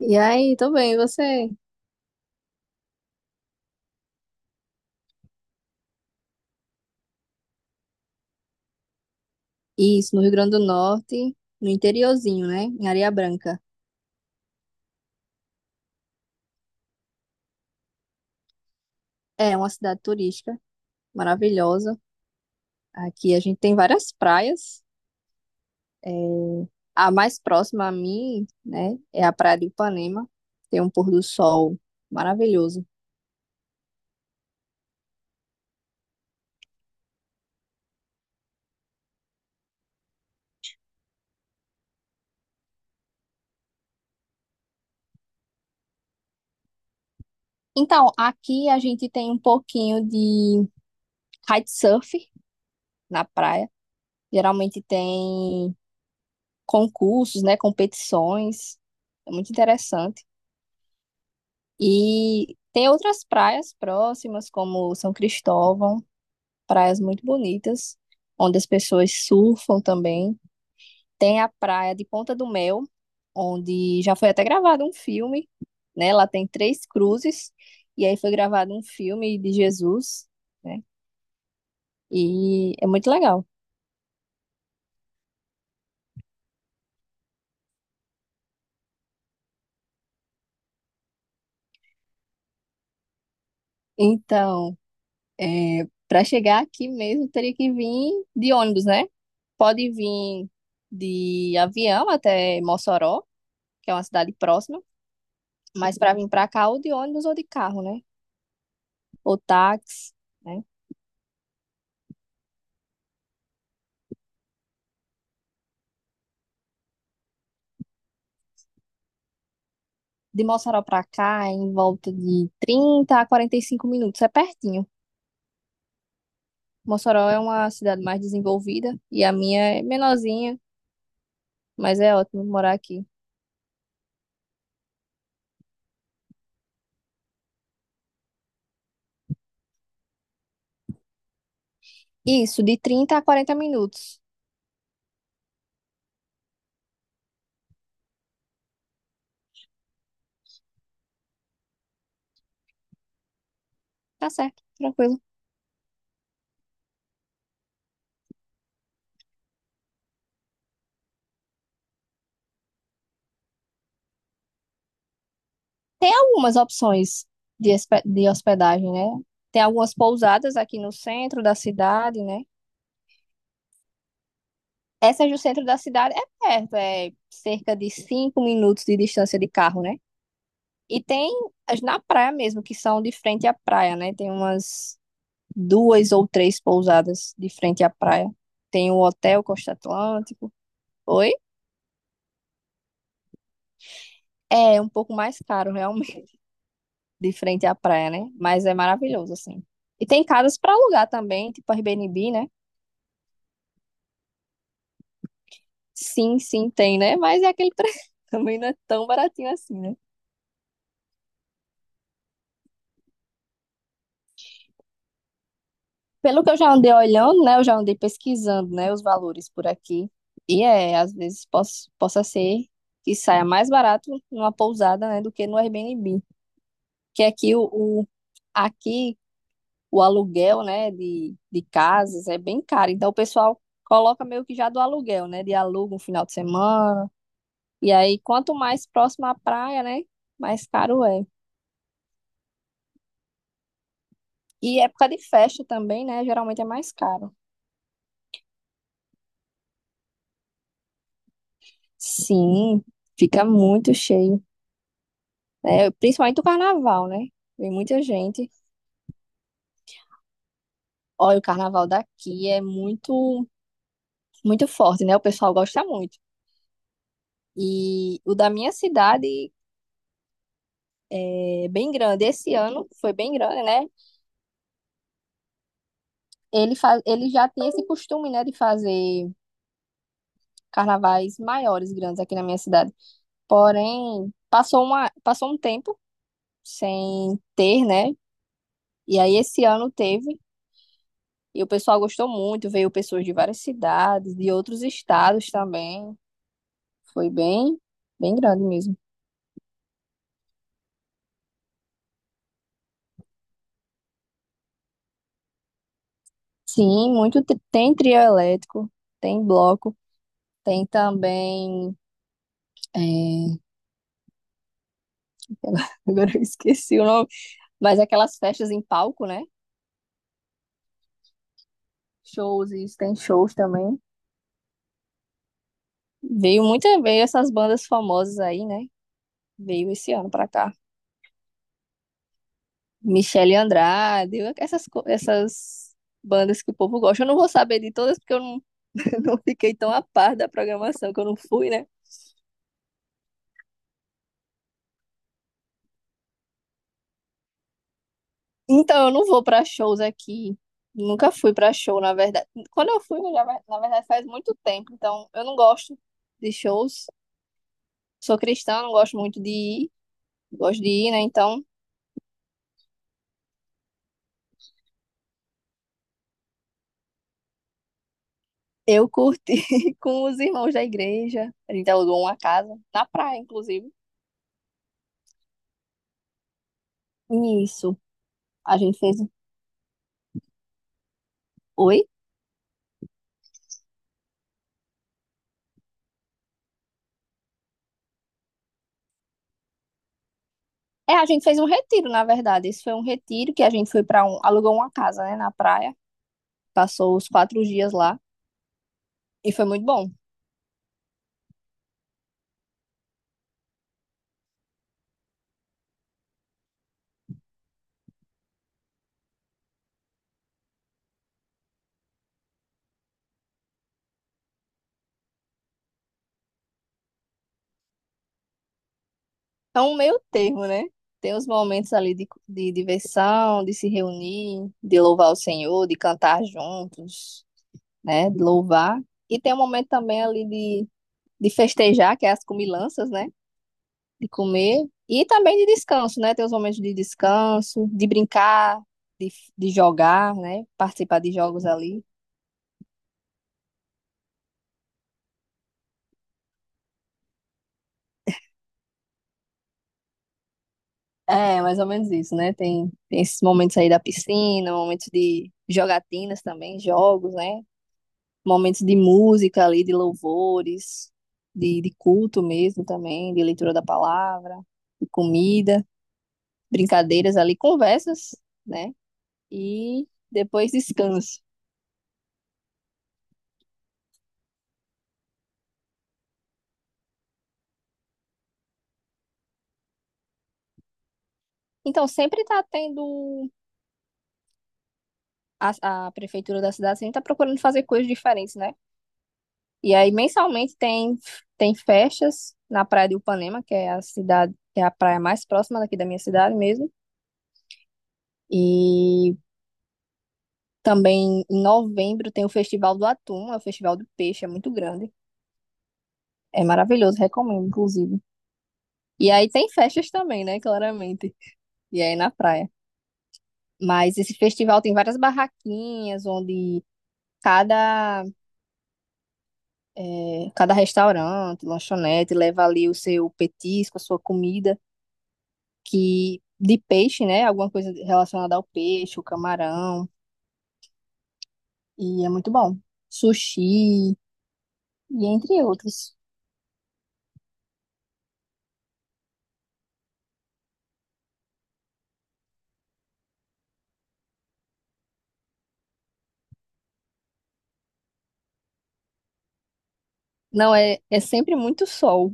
E aí, tô bem, e você? Isso, no Rio Grande do Norte, no interiorzinho, né? Em Areia Branca. É uma cidade turística maravilhosa. Aqui a gente tem várias praias. É, a mais próxima a mim, né, é a Praia de Ipanema. Tem um pôr do sol maravilhoso. Então, aqui a gente tem um pouquinho de kitesurf na praia. Geralmente tem concursos, né, competições. É muito interessante. E tem outras praias próximas, como São Cristóvão, praias muito bonitas, onde as pessoas surfam também. Tem a praia de Ponta do Mel, onde já foi até gravado um filme, né? Lá tem três cruzes, e aí foi gravado um filme de Jesus, né? E é muito legal. Então, para chegar aqui mesmo, teria que vir de ônibus, né? Pode vir de avião até Mossoró, que é uma cidade próxima. Mas para vir para cá, ou de ônibus ou de carro, né? Ou táxi, né? De Mossoró para cá, é em volta de 30 a 45 minutos, é pertinho. Mossoró é uma cidade mais desenvolvida e a minha é menorzinha, mas é ótimo morar aqui. Isso, de 30 a 40 minutos. Tá certo, tranquilo. Tem algumas opções de hospedagem, né? Tem algumas pousadas aqui no centro da cidade, né? Essa é do centro da cidade, é perto, é cerca de 5 minutos de distância de carro, né? E tem as na praia mesmo, que são de frente à praia, né? Tem umas duas ou três pousadas de frente à praia. Tem o Hotel Costa Atlântico. Oi? É um pouco mais caro, realmente, de frente à praia, né? Mas é maravilhoso, assim. E tem casas para alugar também, tipo Airbnb, né? Sim, sim, tem, né? Mas é aquele preço. Também não é tão baratinho assim, né? Pelo que eu já andei olhando, né? Eu já andei pesquisando, né? Os valores por aqui. E é, às vezes possa ser que saia mais barato numa pousada, né? Do que no Airbnb. Que aqui o aluguel, né? De casas é bem caro. Então o pessoal coloca meio que já do aluguel, né? De aluga um final de semana. E aí, quanto mais próximo à praia, né? Mais caro é. E época de festa também, né? Geralmente é mais caro. Sim, fica muito cheio, né? Principalmente o carnaval, né? Vem muita gente. Olha, o carnaval daqui é muito, muito forte, né? O pessoal gosta muito. E o da minha cidade é bem grande. Esse ano foi bem grande, né? Ele, faz, ele já tem esse costume, né, de fazer carnavais maiores, grandes aqui na minha cidade. Porém, passou um tempo sem ter, né? E aí esse ano teve. E o pessoal gostou muito, veio pessoas de várias cidades, de outros estados também. Foi bem, bem grande mesmo. Sim, tem trio elétrico, tem bloco, tem também. é, Agora eu esqueci o nome, mas aquelas festas em palco, né? Shows, isso tem shows também. Veio essas bandas famosas aí, né? Veio esse ano pra cá. Michele Andrade, essas bandas que o povo gosta. Eu não vou saber de todas porque eu não, não fiquei tão a par da programação que eu não fui, né? Então, eu não vou pra shows aqui. Nunca fui pra show, na verdade. Quando eu fui, na verdade, faz muito tempo. Então, eu não gosto de shows. Sou cristã, não gosto muito de ir. Gosto de ir, né? Então, eu curti com os irmãos da igreja. A gente alugou uma casa, na praia, inclusive. Isso. A gente fez Oi? É, a gente fez um retiro, na verdade. Isso foi um retiro que a gente foi pra um. Alugou uma casa, né, na praia. Passou os 4 dias lá. E foi muito bom. É um meio termo, né? Tem os momentos ali de diversão, de se reunir, de louvar o Senhor, de cantar juntos, né? De louvar. E tem um momento também ali de festejar, que é as comilanças, né? De comer. E também de descanso, né? Tem os momentos de descanso, de brincar, de, de jogar, né? Participar de jogos ali. É, mais ou menos isso, né? Tem esses momentos aí da piscina, momentos de jogatinas também, jogos, né? Momentos de música ali, de louvores, de culto mesmo também, de leitura da palavra, de comida, brincadeiras ali, conversas, né? E depois descanso. Então, sempre tá tendo a prefeitura da cidade, sempre tá procurando fazer coisas diferentes, né? E aí, mensalmente, tem festas na Praia de Upanema, que é a cidade, que é a praia mais próxima daqui da minha cidade mesmo. E também em novembro tem o Festival do Atum, é o Festival do Peixe, é muito grande. É maravilhoso, recomendo, inclusive. E aí tem festas também, né? Claramente. E aí na praia. Mas esse festival tem várias barraquinhas onde cada, cada restaurante, lanchonete leva ali o seu petisco, a sua comida, que de peixe, né? Alguma coisa relacionada ao peixe, o camarão. E é muito bom. Sushi, e entre outros. Não, é, é sempre muito sol.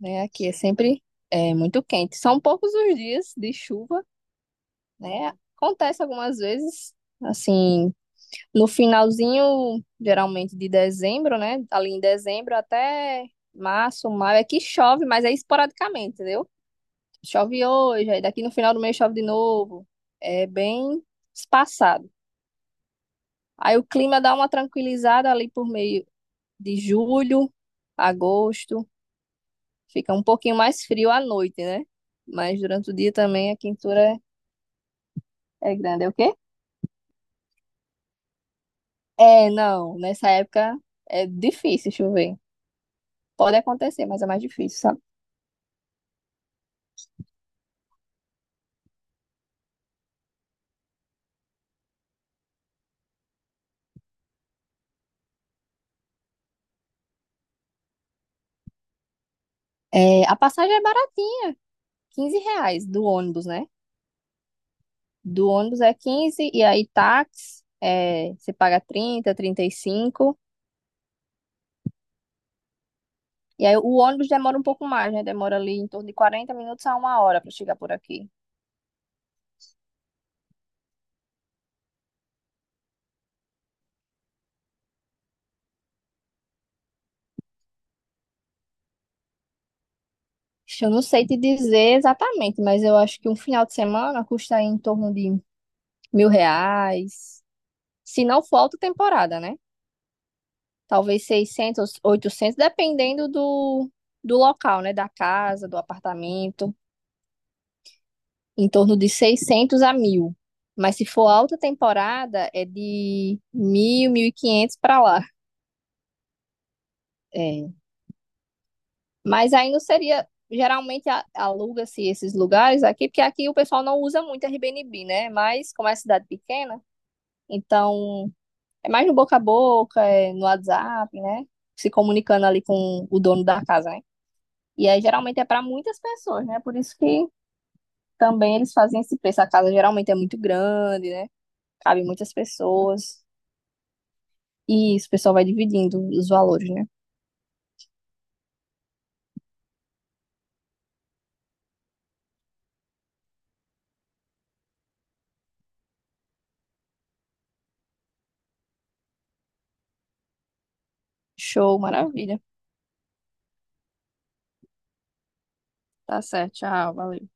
Né? Aqui é sempre é, muito quente. São poucos os dias de chuva, né? Acontece algumas vezes, assim, no finalzinho, geralmente de dezembro, né? Ali em dezembro até março, maio, é que chove, mas é esporadicamente, entendeu? Chove hoje, aí daqui no final do mês chove de novo. É bem espaçado. Aí o clima dá uma tranquilizada ali por meio de julho, agosto. Fica um pouquinho mais frio à noite, né? Mas durante o dia também a quentura é grande. É o quê? É, não. Nessa época é difícil chover. Pode acontecer, mas é mais difícil, sabe? É, a passagem é baratinha, R$ 15 do ônibus, né? Do ônibus é 15 e aí táxi é, você paga 30, 35. E aí o ônibus demora um pouco mais, né? Demora ali em torno de 40 minutos a 1 hora para chegar por aqui. Eu não sei te dizer exatamente, mas eu acho que um final de semana custa em torno de R$ 1.000. Se não for alta temporada, né? Talvez 600 800 dependendo do, do local, né? Da casa, do apartamento. Em torno de 600 a 1.000. Mas se for alta temporada, é de 1.000, 1.500 para lá. É. Mas ainda seria. Geralmente aluga-se esses lugares aqui, porque aqui o pessoal não usa muito Airbnb, né? Mas como é cidade pequena, então é mais no boca a boca, é no WhatsApp, né? Se comunicando ali com o dono da casa, né? E aí geralmente é para muitas pessoas, né? Por isso que também eles fazem esse preço. A casa geralmente é muito grande, né? Cabe muitas pessoas. E isso, o pessoal vai dividindo os valores, né? Show, maravilha. Tá certo, tchau, valeu.